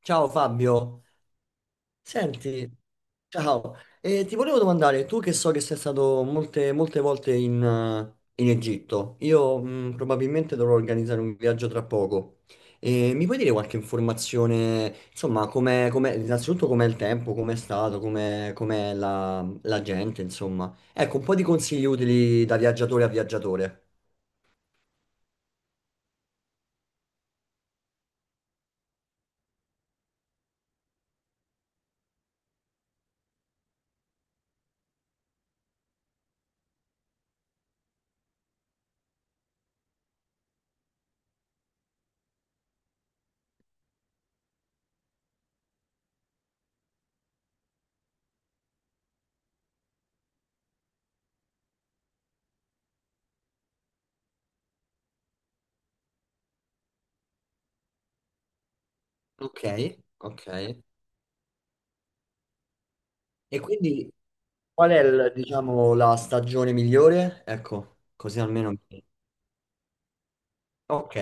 Ciao Fabio, senti, ciao. Ti volevo domandare, tu che so che sei stato molte volte in Egitto. Io probabilmente dovrò organizzare un viaggio tra poco. Mi puoi dire qualche informazione, insomma, innanzitutto com'è il tempo, com'è la gente, insomma. Ecco, un po' di consigli utili da viaggiatore a viaggiatore. Ok, ok. E quindi qual è, il, diciamo, la stagione migliore? Ecco, così almeno. Ok,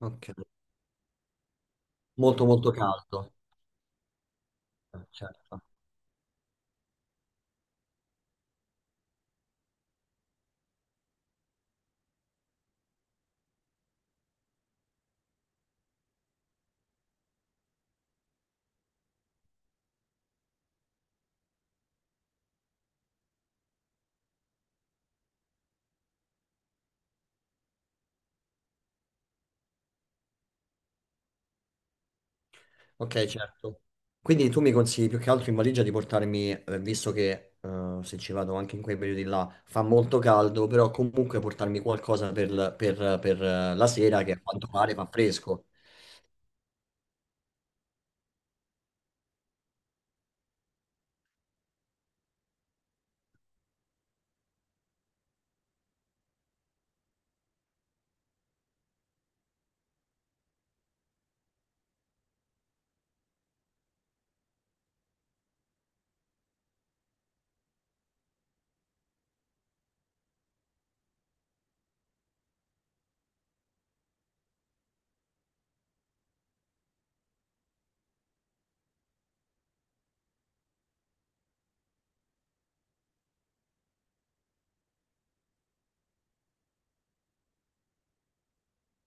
ok. Molto molto caldo. Certo. Ok, certo. Quindi tu mi consigli più che altro in valigia di portarmi, visto che se ci vado anche in quei periodi là fa molto caldo, però comunque portarmi qualcosa per la sera che a quanto pare fa fresco.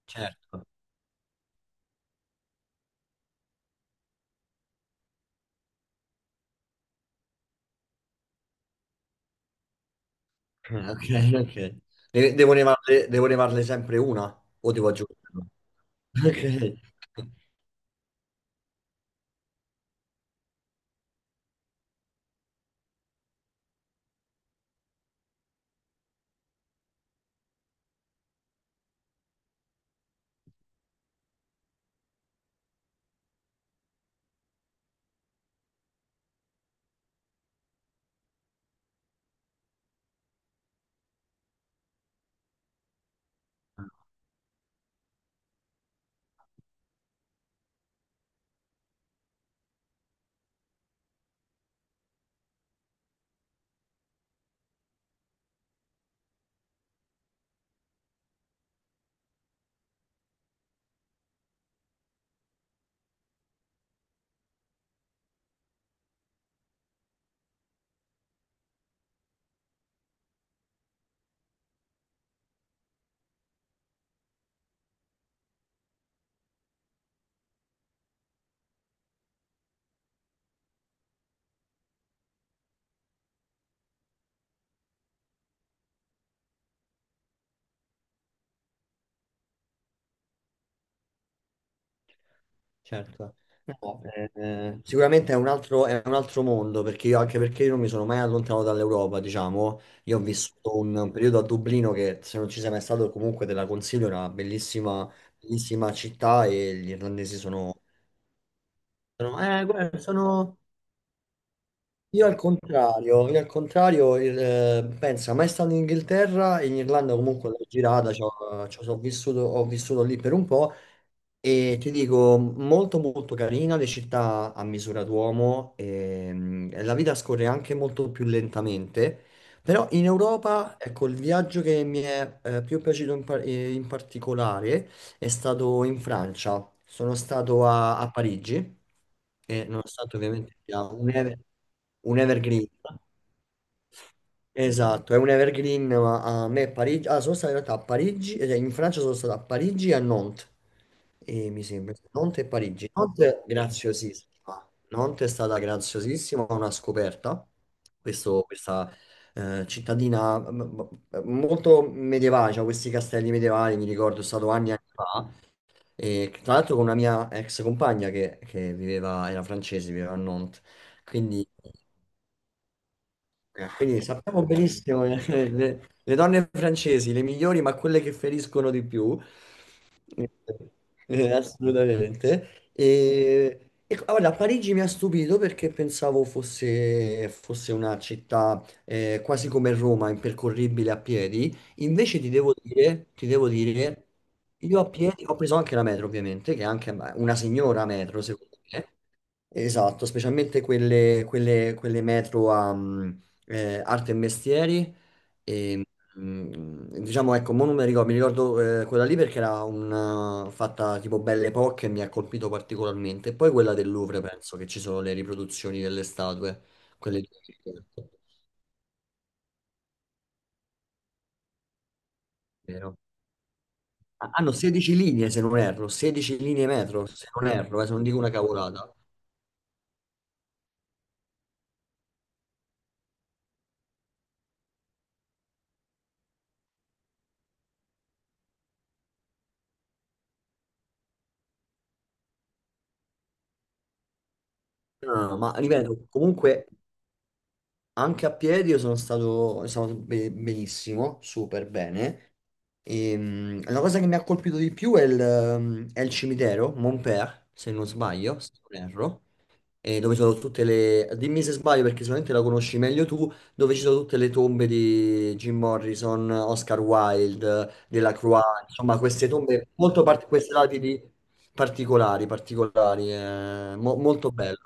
Certo. Ok, ok. Devo nevarle sempre una o devo aggiungere? Ok. Certo. No, sicuramente è un altro mondo perché anche perché io non mi sono mai allontanato dall'Europa, diciamo. Io ho vissuto un periodo a Dublino, che se non ci sei mai stato comunque te la consiglio. È una bellissima, bellissima città e gli irlandesi sono, guarda, io al contrario, pensa, mai stato in Inghilterra. In Irlanda comunque l'ho girata, ho vissuto lì per un po' e ti dico, molto molto carina, le città a misura d'uomo, e la vita scorre anche molto più lentamente. Però in Europa, ecco, il viaggio che mi è più piaciuto in particolare è stato in Francia. Sono stato a Parigi e nonostante ovviamente sia un evergreen, esatto, è un evergreen. Ma a me Parigi, ah, sono stato in realtà a Parigi, cioè in Francia sono stato a Parigi e a Nantes, e mi sembra, Nantes e Parigi. Nantes è graziosissima, Nantes è stata graziosissima, una scoperta. Questa cittadina molto medievale, cioè questi castelli medievali, mi ricordo, è stato anni e anni fa. E tra l'altro con una mia ex compagna che viveva, era francese, viveva a Nantes. Quindi, quindi sappiamo benissimo che le donne francesi, le migliori, ma quelle che feriscono di più, eh, assolutamente. E guarda, Parigi mi ha stupito perché pensavo fosse una città quasi come Roma, impercorribile a piedi. Invece ti devo dire, io a piedi ho preso anche la metro, ovviamente, che è anche beh, una signora metro, secondo me. Esatto, specialmente quelle metro a arte e mestieri. Ehm, Diciamo, ecco, mo non mi ricordo, mi ricordo quella lì perché era una fatta tipo Belle Époque e mi ha colpito particolarmente. E poi quella del Louvre, penso che ci sono le riproduzioni delle statue, quelle di- ecco, vero? Ah, hanno 16 linee, se non erro, 16 linee metro, se non erro, se non dico una cavolata. No, no, no, ma ripeto, comunque anche a piedi io sono stato benissimo, super bene. E, la cosa che mi ha colpito di più è il cimitero, Montpère, se non sbaglio, se non erro, e dove ci sono tutte le... Dimmi se sbaglio perché sicuramente la conosci meglio tu, dove ci sono tutte le tombe di Jim Morrison, Oscar Wilde, Delacroix, insomma queste tombe molto particolari, queste lapidi particolari, particolari, molto bello.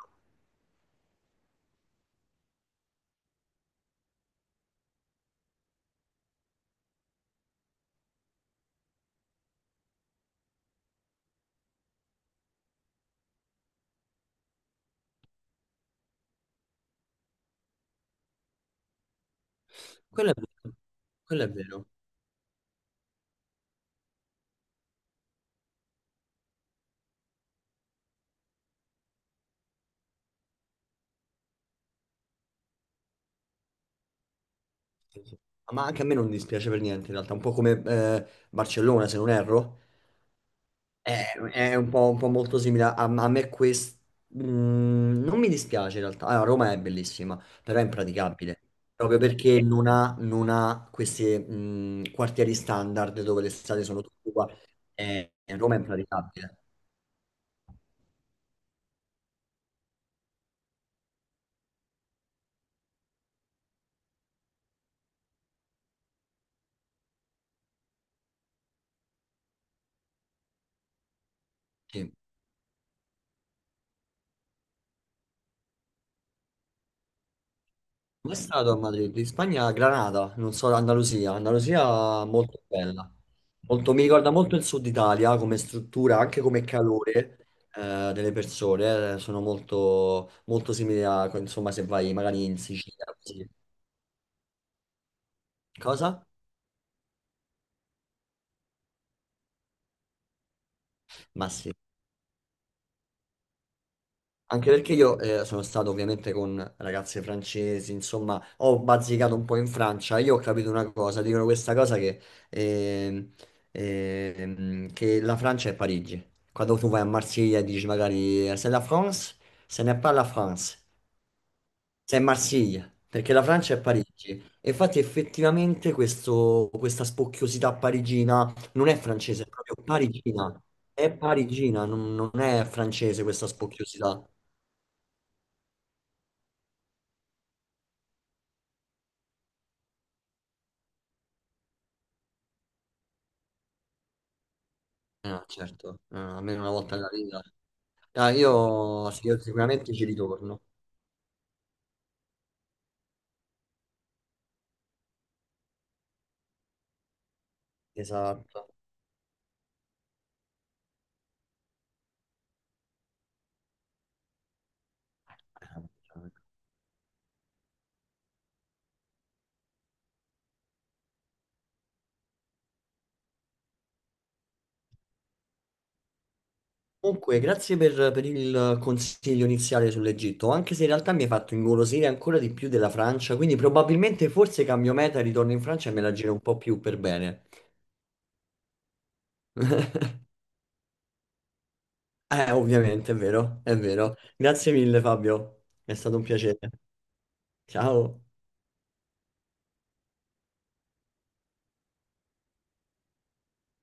Quello è vero, quello è vero. Sì, sì. Ma anche a me non dispiace per niente, in realtà, un po' come Barcellona, se non erro. È un po' molto simile a, a me questo. Non mi dispiace in realtà. Allora, Roma è bellissima, però è impraticabile. Proprio perché non ha, non ha questi quartieri standard dove le strade sono tutte uguali. Eh, Roma è impraticabile. Sì. Come è stato a Madrid? In Spagna, a Granada, non so, Andalusia. Andalusia molto bella. Mi ricorda molto il sud Italia come struttura, anche come calore delle persone. Sono molto, molto simili a, insomma, se vai magari in Sicilia. Così. Cosa? Ma sì. Anche perché io sono stato ovviamente con ragazze francesi, insomma, ho bazzicato un po' in Francia. Io ho capito una cosa, dicono questa cosa che, ehm, che la Francia è Parigi. Quando tu vai a Marsiglia e dici magari c'est la France, ce n'est pas la France, c'est Marsiglia, perché la Francia è Parigi. E infatti effettivamente questa spocchiosità parigina non è francese, è proprio parigina. È parigina, non non è francese questa spocchiosità. Ah, certo, ah, almeno una volta nella vita. Ah, io, sì, io sicuramente ci ritorno. Esatto. Comunque, grazie per il consiglio iniziale sull'Egitto, anche se in realtà mi hai fatto ingolosire ancora di più della Francia, quindi probabilmente forse cambio meta e ritorno in Francia e me la giro un po' più per bene. Ovviamente, è vero, è vero. Grazie mille, Fabio, è stato un piacere. Ciao.